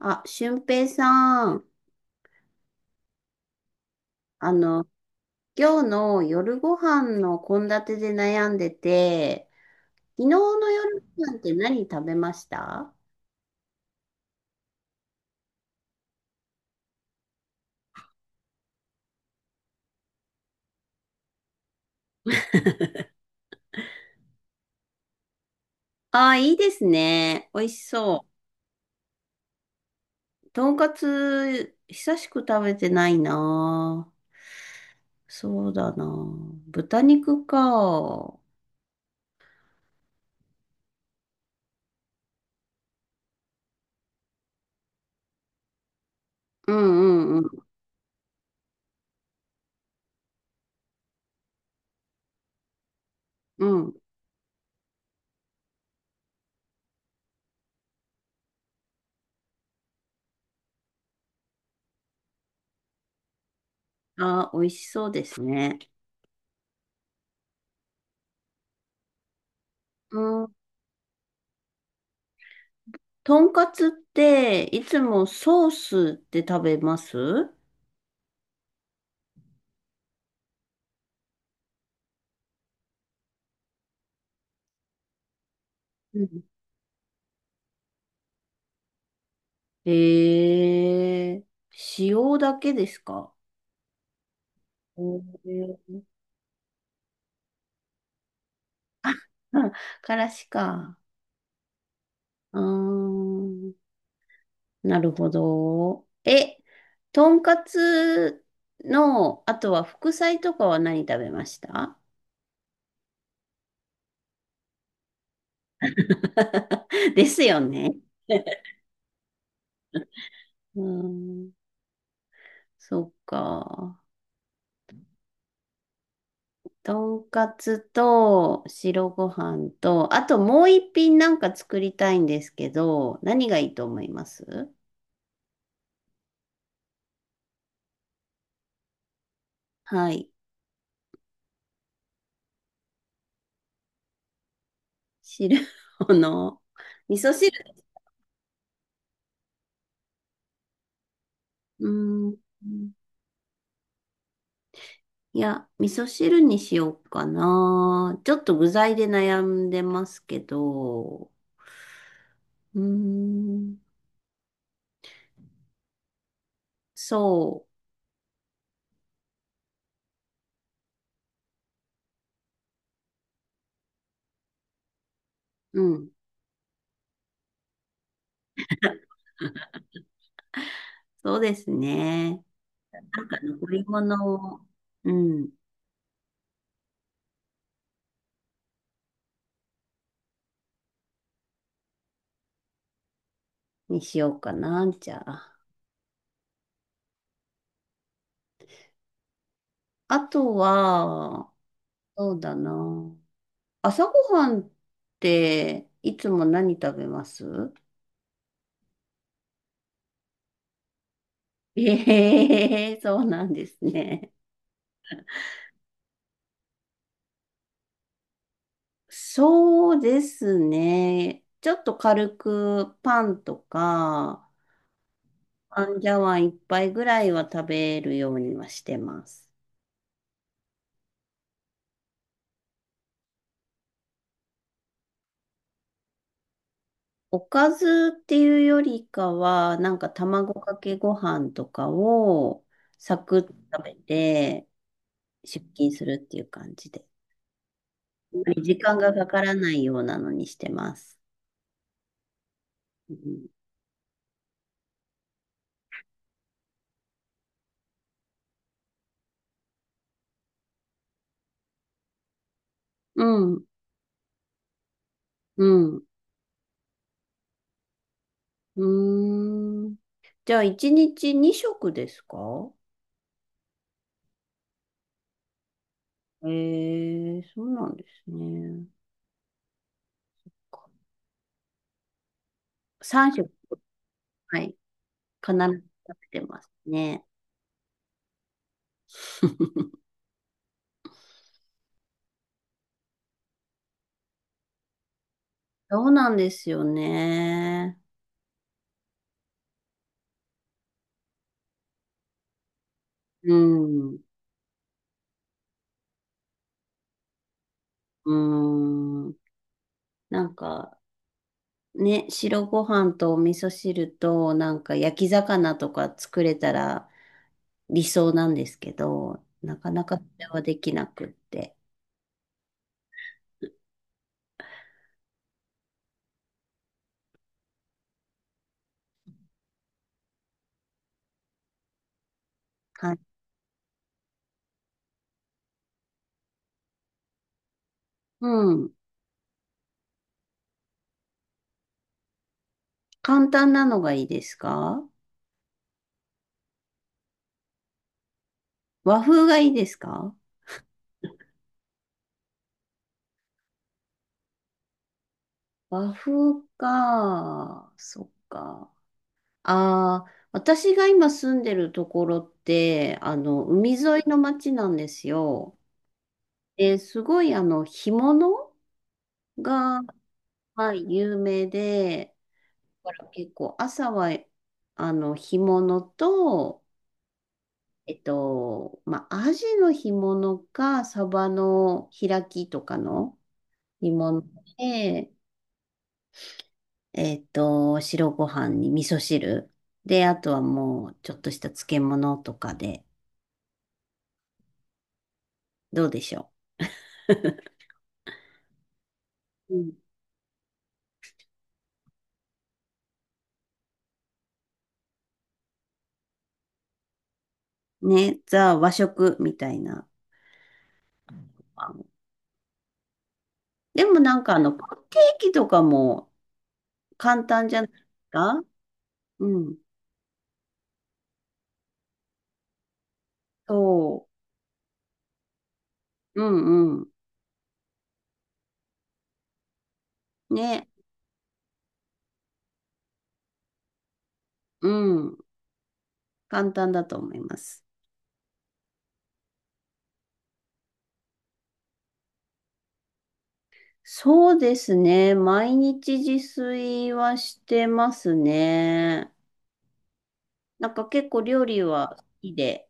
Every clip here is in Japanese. あ、俊平さん、あの、今日の夜ご飯の献立で悩んでて、昨日の夜ご飯って何食べました？ああ、いいですね。美味しそう。とんかつ、久しく食べてないな。そうだな。豚肉か。うんうんうんうん。ああ、美味しそうですね。うん。とんかつって、いつもソースって食べます？んええ、塩だけですか？ええ、あ、からしか。うーん、なるほど。え、とんかつの、あとは副菜とかは何食べました？ ですよね。うーん、そっか。とんかつと白ご飯と、あともう一品なんか作りたいんですけど、何がいいと思います？はい。汁の味噌汁。うーん。いや、味噌汁にしようかな。ちょっと具材で悩んでますけど。うーん。そう。うん。そうですね。なんか残り物を、うん。にしようかな。じゃあ。あとは、そうだな。朝ごはんっていつも何食べます？ ええー、そうなんですね。そうですね。ちょっと軽くパンとか、パンジャワン一杯ぐらいは食べるようにはしてます。おかずっていうよりかは、なんか卵かけご飯とかをサクッと食べて出勤するっていう感じで。あんまり時間がかからないようなのにしてます。うん。うん。うん。うーん、じゃあ、一日二食ですか？ええ、そうなんですね。3食、はい、必ず食べてますね。そうなんですよね。うん、うん。なんか、ね、白ご飯とお味噌汁と、なんか焼き魚とか作れたら理想なんですけど、なかなかそれはできなくって。はい。うん。簡単なのがいいですか？和風がいいですか？和風か。そっか。ああ、私が今住んでるところって、海沿いの町なんですよ。で、すごい、干物が、はい、有名で、だから結構朝は、干物と、アジの干物か、サバの開きとかの干物で、白ご飯に味噌汁。で、あとはもう、ちょっとした漬物とかで、どうでしょう。うん、ね、ザ和食みたいな。でもなんかパンケーキとかも簡単じゃないですか？うん。そう。うんうん。ね。うん。簡単だと思います。そうですね。毎日自炊はしてますね。なんか結構料理は好きで。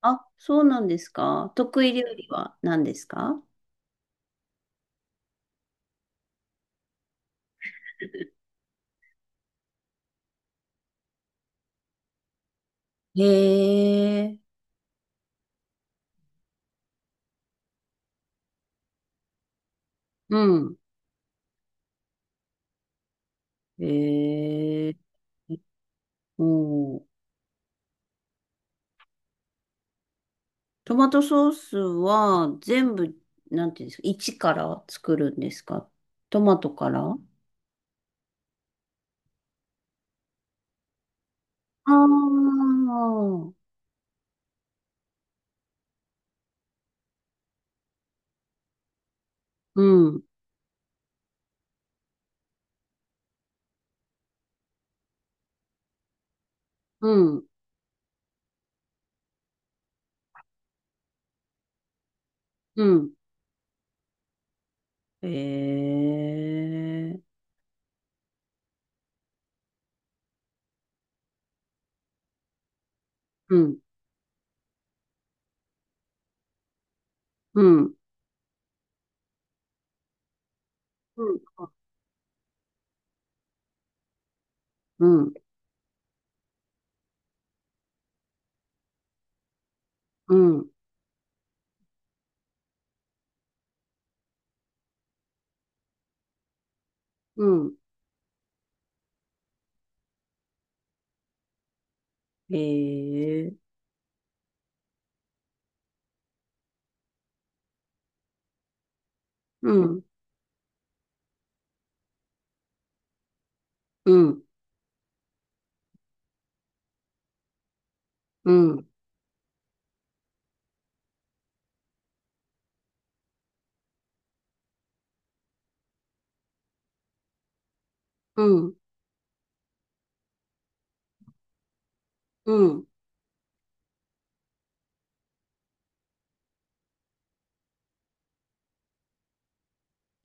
あ、そうなんですか。得意料理は何ですか？へえ、うん。へえ、おー、トマトソースは全部、なんていうんですか、一から作るんですか？トマトから？ああー、うん、うん、うん、へえ、うん、うん、うん、うん、うん、うん、へえ。うん、うん、うん、うん、うん。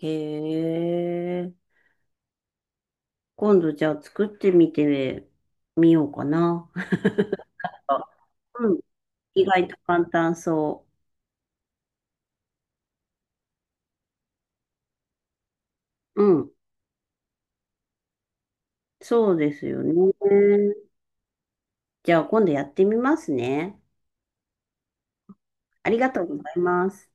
へえ。今度じゃあ作ってみてみようかな。あ、うん。意外と簡単そう。うん。そうですよね。じゃあ今度やってみますね。ありがとうございます。